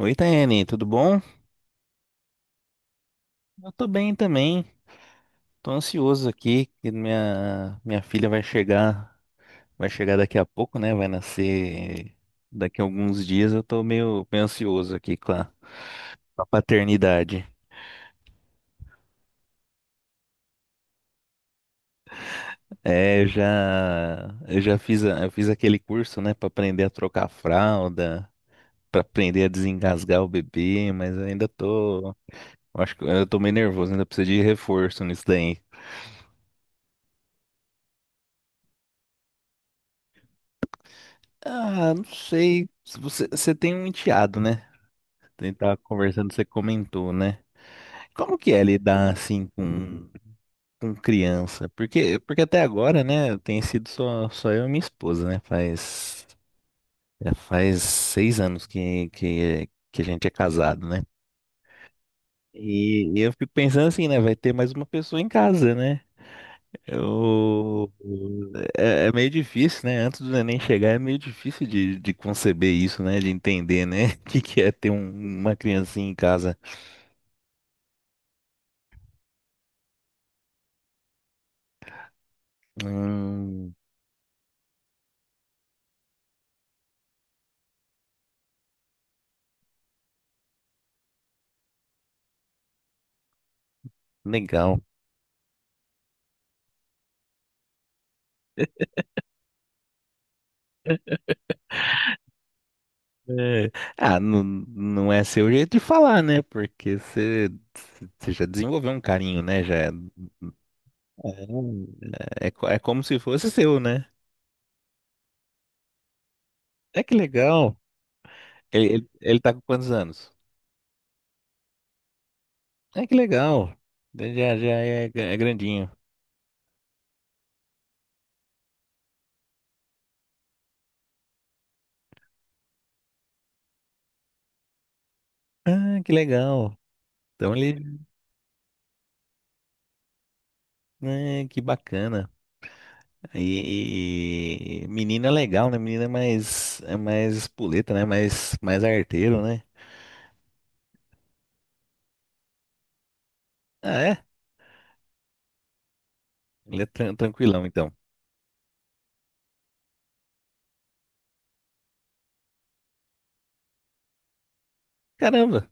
Oi, Taiane, tudo bom? Eu tô bem também. Tô ansioso aqui que minha filha vai chegar daqui a pouco, né? Vai nascer daqui a alguns dias. Eu tô meio ansioso aqui com a paternidade. É, eu já fiz eu fiz aquele curso, né, pra aprender a trocar fralda, pra aprender a desengasgar o bebê, mas eu ainda tô, eu acho que eu tô meio nervoso, ainda preciso de reforço nisso daí. Ah, não sei. Se Você, você tem um enteado, né? Você tava conversando, você comentou, né? Como que é lidar assim com criança? Porque, porque até agora, né, tem sido só, só eu e minha esposa, né? Já faz 6 anos que a gente é casado, né? E eu fico pensando assim, né? Vai ter mais uma pessoa em casa, né? Eu, é, é meio difícil, né? Antes do neném chegar, é meio difícil de conceber isso, né? De entender, né? O que é ter uma criancinha em casa. Hum, legal. É, ah, não, não é seu jeito de falar, né? Porque você já desenvolveu um carinho, né? É, é como se fosse seu, né? É, que legal. Ele tá com quantos anos? É, que legal. Ele já é, é grandinho. Ah, que legal. Então ele, né, que bacana. E menina é legal, né? Menina é mais espoleta, né? Mais, mais arteiro, né? Ah, é? Ele é tranquilão, então. Caramba.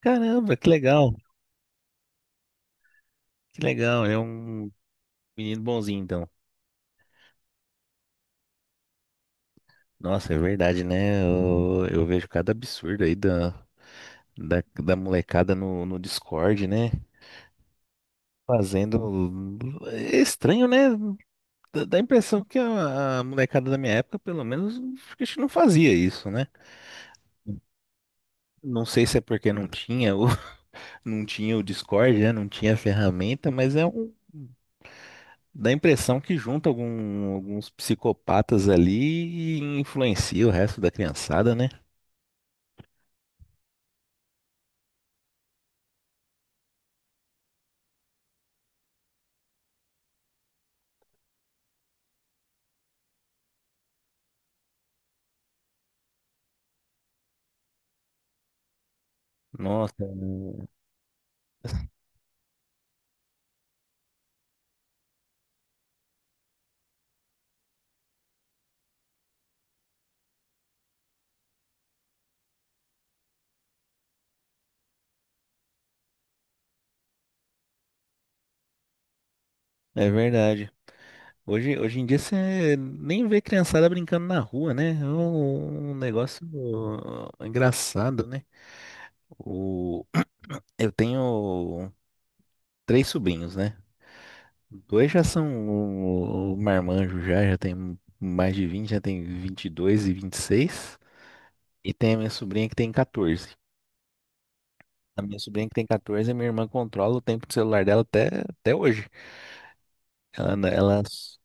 Caramba, que legal, que legal. Ele é um menino bonzinho, então. Nossa, é verdade, né? Eu vejo cada absurdo aí da molecada no Discord, né? Fazendo. É estranho, né? Dá a impressão que a molecada da minha época, pelo menos, acho que a gente não fazia isso, né? Não sei se é porque não tinha o, não tinha o Discord, né? Não tinha a ferramenta, mas é um. Dá a impressão que junta alguns psicopatas ali e influencia o resto da criançada, né? Nossa, é verdade. Hoje, hoje em dia você nem vê criançada brincando na rua, né? É um, um negócio engraçado, né? O, eu tenho três sobrinhos, né? Dois já são o marmanjo já, já tem mais de 20, já tem 22 e vinte e seis. E tem a minha sobrinha que tem 14. A minha sobrinha que tem catorze, a minha irmã controla o tempo do celular dela até, até hoje. Ela, n- ela, s-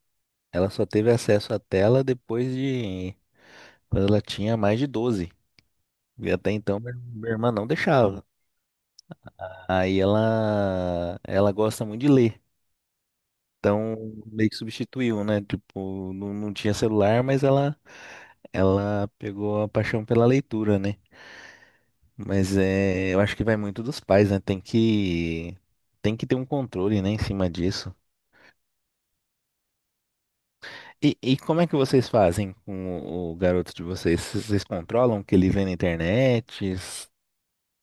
ela só teve acesso à tela depois de quando ela tinha mais de 12. E até então minha irmã não deixava. Ela gosta muito de ler. Então, meio que substituiu, né? Tipo, não, não tinha celular, ela pegou a paixão pela leitura, né? Mas é, eu acho que vai muito dos pais, né? Tem que ter um controle, né, em cima disso. E como é que vocês fazem com o garoto de vocês? Vocês controlam o que ele vê na internet? Vocês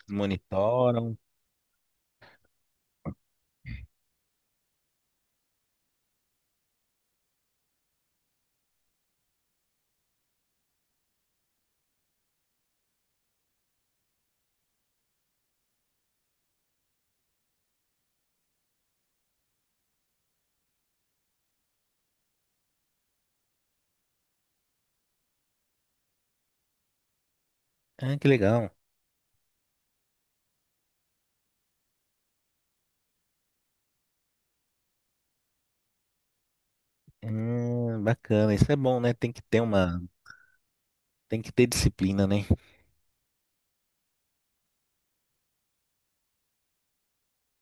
monitoram? Ah, que legal. Bacana, isso é bom, né? Tem que ter disciplina, né?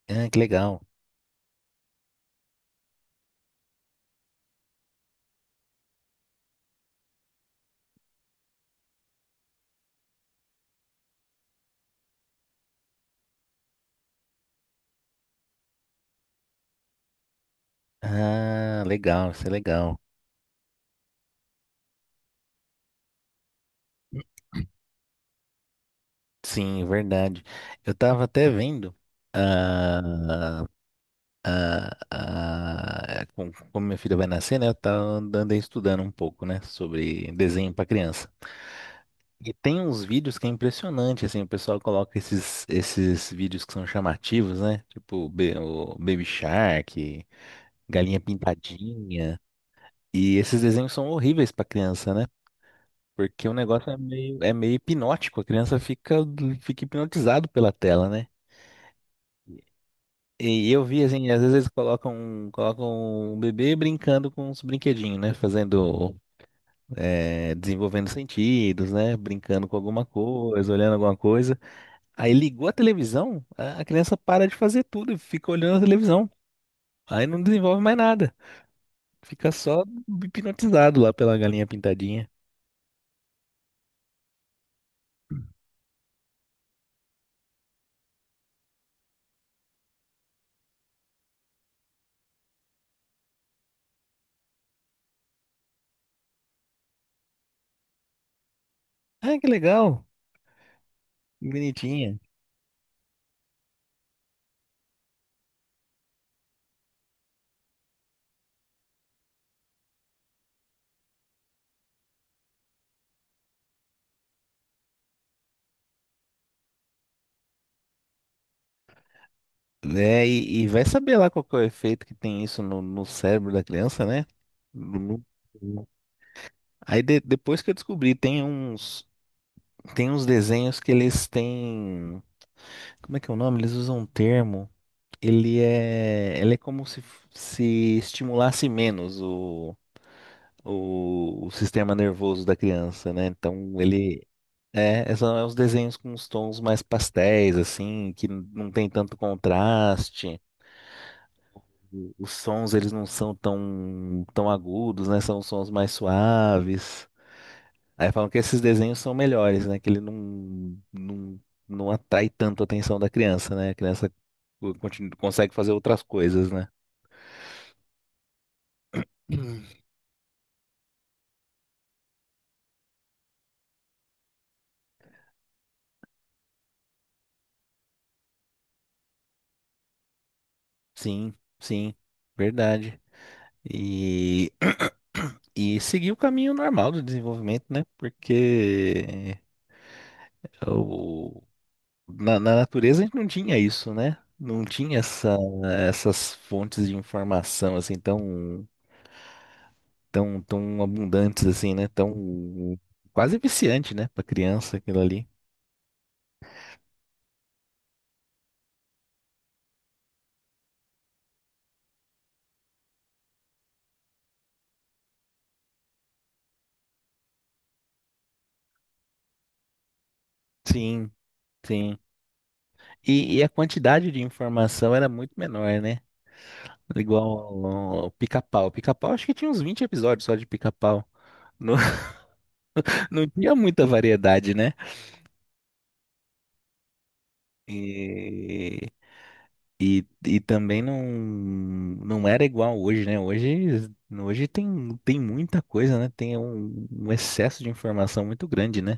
Ah, que legal. Ah, legal, isso é legal. Sim, verdade. Eu tava até vendo ah, como minha filha vai nascer, né? Eu tava andando estudando um pouco, né? Sobre desenho para criança. E tem uns vídeos que é impressionante, assim, o pessoal coloca esses vídeos que são chamativos, né? Tipo o Baby Shark, Galinha Pintadinha. E esses desenhos são horríveis para criança, né? Porque o negócio é meio hipnótico, a criança fica, fica hipnotizado pela tela, né? E eu vi assim, às vezes eles colocam o bebê brincando com uns brinquedinhos, né? Fazendo, é, desenvolvendo sentidos, né? Brincando com alguma coisa, olhando alguma coisa. Aí ligou a televisão, a criança para de fazer tudo e fica olhando a televisão. Aí não desenvolve mais nada. Fica só hipnotizado lá pela Galinha Pintadinha. Ah, que legal, que bonitinha. É, e vai saber lá qual que é o efeito que tem isso no cérebro da criança, né? No- no- Aí depois que eu descobri, tem uns desenhos que eles têm. Como é que é o nome? Eles usam um termo. Ele é como se estimulasse menos o sistema nervoso da criança, né? Então ele. É, são os desenhos com os tons mais pastéis, assim, que não tem tanto contraste. Os sons, eles não são tão, tão agudos, né? São sons mais suaves. Aí falam que esses desenhos são melhores, né? Que ele não atrai tanto a atenção da criança, né? A criança consegue fazer outras coisas, né? Hum. Sim, sim, verdade. E, e seguir o caminho normal do desenvolvimento, né? Porque na natureza a gente não tinha isso, né? Não tinha essas fontes de informação assim tão abundantes assim, né? Tão quase viciante, né, para criança aquilo ali. Sim, sim. E a quantidade de informação era muito menor, né? Igual ao Pica-Pau. Pica-Pau acho que tinha uns 20 episódios só de Pica-Pau. Não, não tinha muita variedade, né? E, e também não era igual hoje, né? Hoje, hoje tem, tem muita coisa, né? Tem um, um excesso de informação muito grande, né?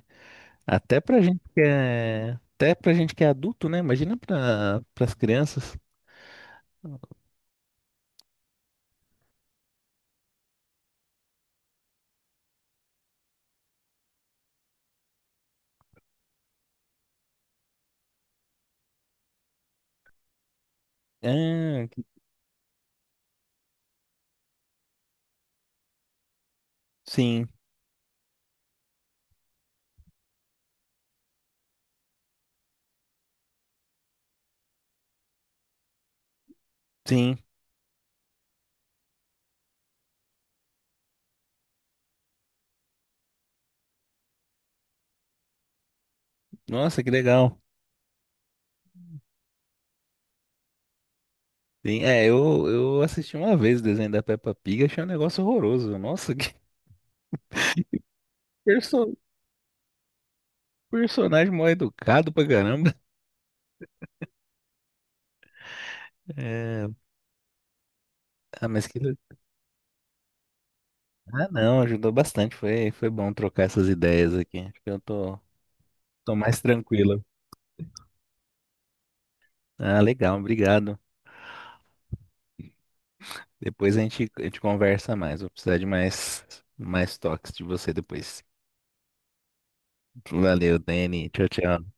Até pra gente que é adulto, né? Imagina para as crianças. Ah, sim, sim. Nossa, que legal. Sim, é, eu assisti uma vez o desenho da Peppa Pig, achei um negócio horroroso. Nossa, que perso- personagem mal educado pra caramba. É, ah, mas que, ah, não, ajudou bastante. Foi, foi bom trocar essas ideias aqui. Acho que eu tô, tô mais tranquilo. Ah, legal, obrigado. Depois a gente conversa mais. Vou precisar mais toques de você depois. Valeu, Dani. Tchau, tchau.